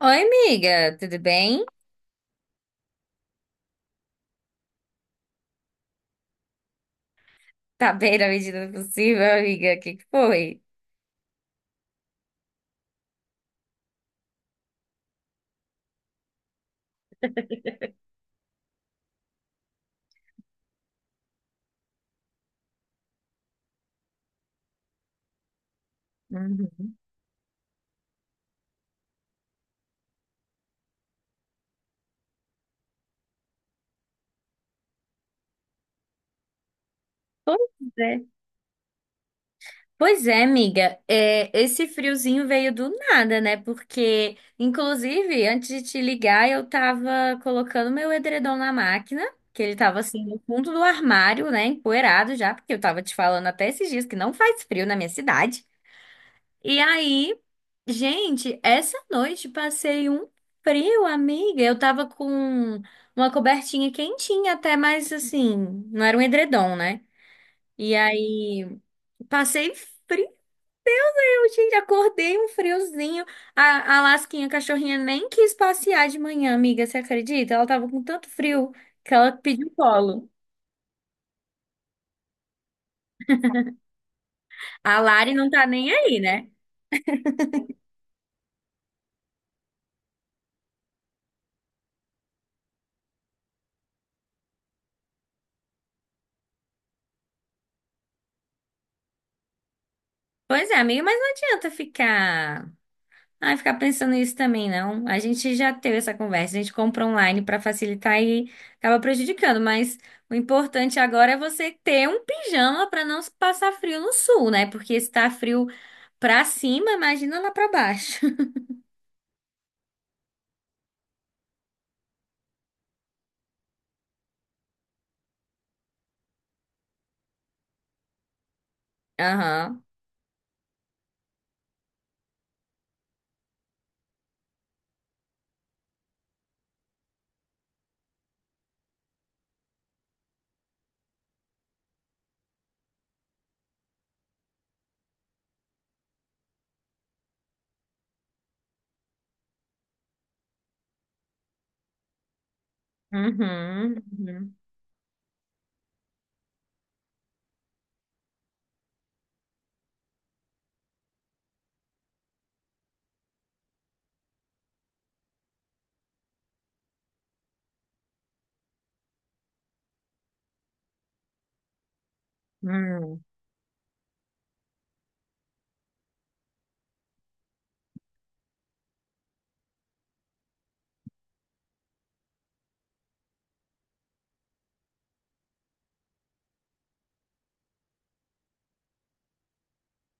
Oi, amiga, tudo bem? Tá bem na medida do possível, amiga? O que que foi? Uhum. Pois é. Pois é, amiga. É, esse friozinho veio do nada, né? Porque, inclusive, antes de te ligar, eu tava colocando meu edredom na máquina, que ele tava assim no fundo do armário, né? Empoeirado já, porque eu tava te falando até esses dias que não faz frio na minha cidade. E aí, gente, essa noite passei um frio, amiga. Eu tava com uma cobertinha quentinha até, mas assim, não era um edredom, né? E aí, passei frio, gente, acordei um friozinho. A Lasquinha, a cachorrinha, nem quis passear de manhã, amiga, você acredita? Ela tava com tanto frio que ela pediu colo. A Lari não tá nem aí, né? Pois é, amiga, mas não adianta ficar. Ai, ficar pensando nisso também, não. A gente já teve essa conversa, a gente compra online para facilitar e acaba prejudicando, mas o importante agora é você ter um pijama para não passar frio no sul, né? Porque está frio pra cima, imagina lá pra baixo. Aham. Uhum. Uhum. Uhum.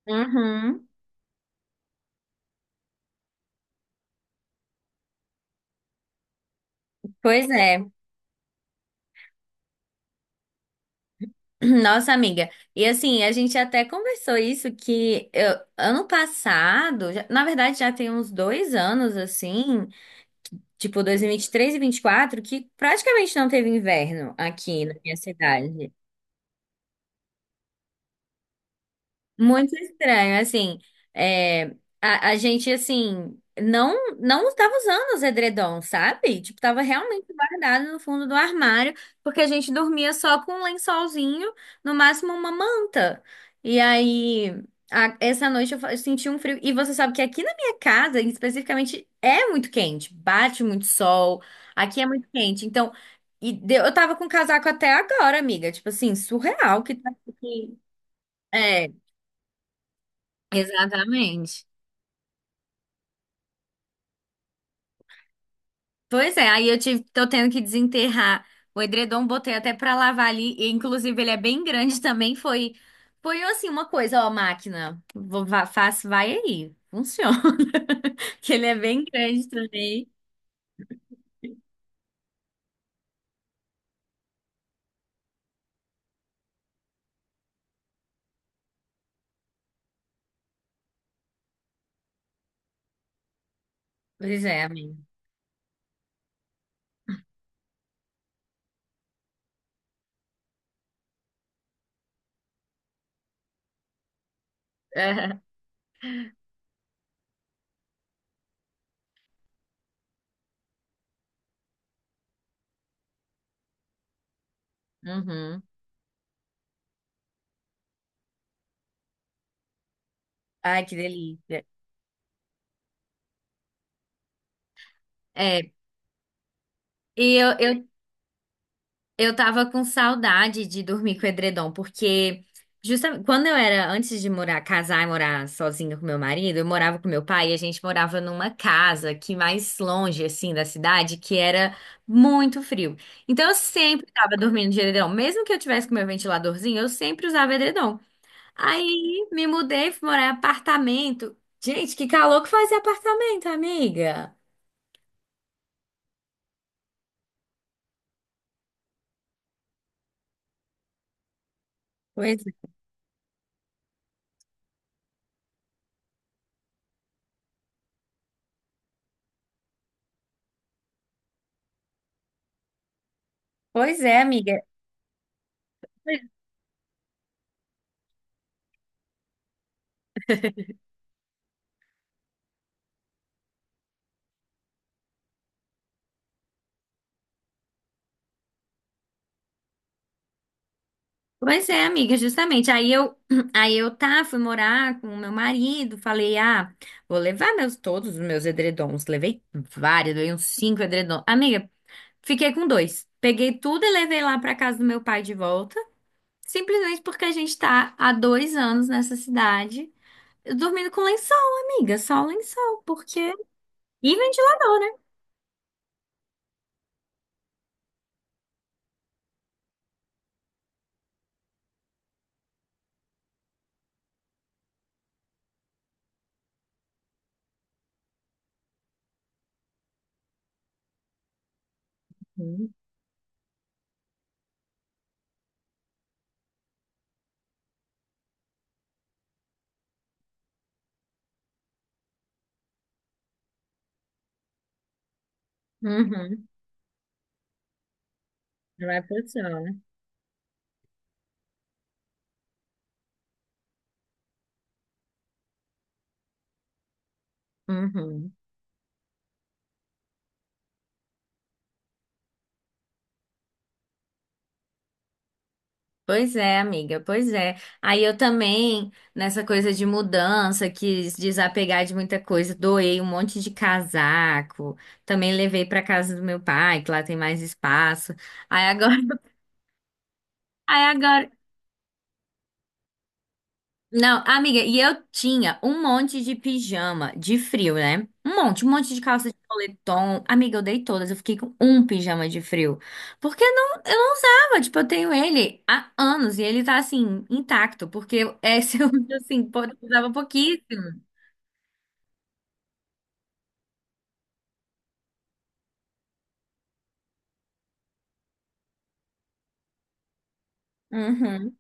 Uhum. Pois é, nossa amiga. E assim, a gente até conversou isso que ano passado, na verdade já tem uns 2 anos assim. Tipo dois mil e vinte vinte e dois mil e vinte e três quatro que praticamente não teve inverno aqui na minha cidade. Muito estranho, assim, é, a gente, assim, não estava usando os edredons, sabe? Tipo, tava realmente guardado no fundo do armário, porque a gente dormia só com um lençolzinho, no máximo uma manta. E aí, essa noite eu, eu senti um frio, e você sabe que aqui na minha casa, especificamente, é muito quente, bate muito sol, aqui é muito quente, então, eu tava com casaco até agora, amiga, tipo assim, surreal que tá aqui. É. Exatamente. Pois é, aí eu tive, tô tendo que desenterrar o edredom, botei até pra lavar ali, e inclusive ele é bem grande também, foi assim uma coisa, ó, máquina, vou, vá, faço, vai aí, funciona, que ele é bem grande também. Pois é, amigo. Uhum. Ai, que delícia. É, e eu, eu Eu tava com saudade de dormir com edredom, porque justamente quando eu era antes de morar, casar e morar sozinha com meu marido, eu morava com meu pai e a gente morava numa casa que mais longe assim da cidade, que era muito frio. Então eu sempre tava dormindo de edredom, mesmo que eu tivesse com meu ventiladorzinho, eu sempre usava edredom. Aí me mudei, fui morar em apartamento. Gente, que calor que fazia apartamento, amiga. Pois, pois é, amiga. Pois é, amiga, justamente. Aí eu, aí eu tá, fui morar com o meu marido, falei, ah, vou levar meus todos os meus edredons. Levei vários, levei uns cinco edredons. Amiga, fiquei com dois. Peguei tudo e levei lá pra casa do meu pai de volta, simplesmente porque a gente tá há 2 anos nessa cidade, dormindo com lençol, amiga, só lençol, porque e ventilador, né? Uhum. Uhum. Não é possível, né? Uhum. Pois é, amiga, pois é. Aí eu também, nessa coisa de mudança, quis desapegar de muita coisa, doei um monte de casaco, também levei para casa do meu pai, que lá tem mais espaço. Aí agora, aí agora, não, amiga, e eu tinha um monte de pijama de frio, né? Um monte de calça de moletom. Amiga, eu dei todas, eu fiquei com um pijama de frio. Porque não, eu não usava, tipo, eu tenho ele há anos e ele tá assim, intacto, porque esse eu, assim, pô, eu usava pouquíssimo. Uhum.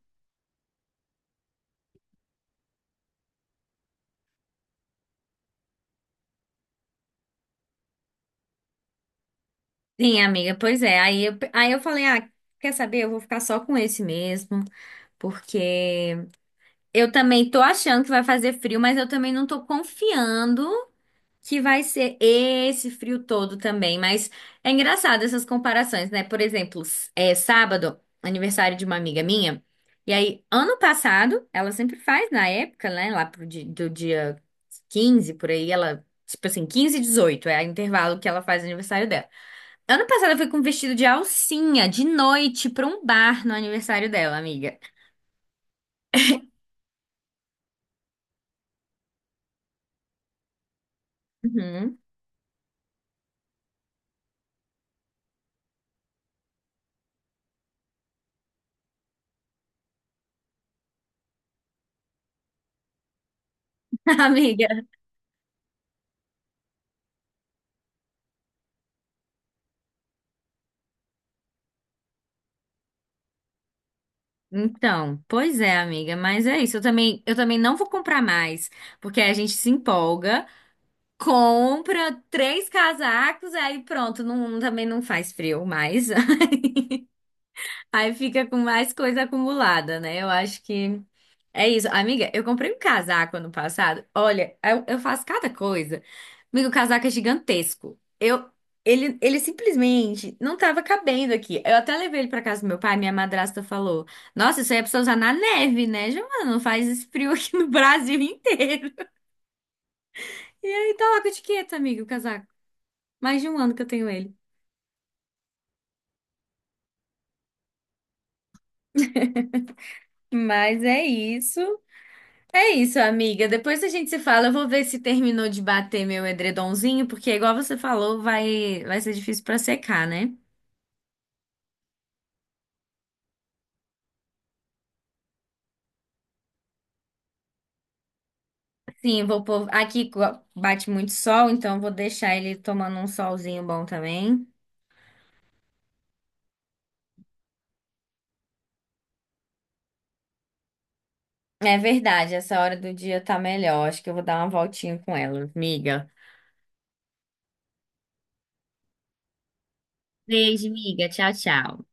Sim, amiga, pois é. Aí eu falei, ah, quer saber? Eu vou ficar só com esse mesmo, porque eu também tô achando que vai fazer frio, mas eu também não tô confiando. Que vai ser esse frio todo também, mas é engraçado essas comparações, né? Por exemplo, é sábado, aniversário de uma amiga minha, e aí ano passado, ela sempre faz na época, né? Lá pro do dia 15 por aí, ela, tipo assim, 15 e 18 é o intervalo que ela faz aniversário dela. Ano passado eu fui com um vestido de alcinha de noite pra um bar no aniversário dela, amiga. Uhum. Amiga, então, pois é, amiga, mas é isso. Eu também não vou comprar mais, porque a gente se empolga, compra três casacos, aí pronto, não, também não faz frio mais. Aí fica com mais coisa acumulada, né? Eu acho que é isso. Amiga, eu comprei um casaco ano passado. Olha, eu faço cada coisa. Amigo, o casaco é gigantesco. Eu, ele simplesmente não tava cabendo aqui. Eu até levei ele pra casa do meu pai, minha madrasta falou: Nossa, isso aí é pra você usar na neve, né, Giovana? Não faz esse frio aqui no Brasil inteiro. E aí tá lá com etiqueta, amigo, o casaco. Mais de um ano que eu tenho ele. Mas é isso. É isso, amiga. Depois a gente se fala. Eu vou ver se terminou de bater meu edredomzinho, porque igual você falou, vai ser difícil pra secar, né? Sim, eu vou pôr aqui bate muito sol, então eu vou deixar ele tomando um solzinho bom também. É verdade, essa hora do dia tá melhor. Acho que eu vou dar uma voltinha com ela, amiga. Beijo, amiga. Tchau, tchau.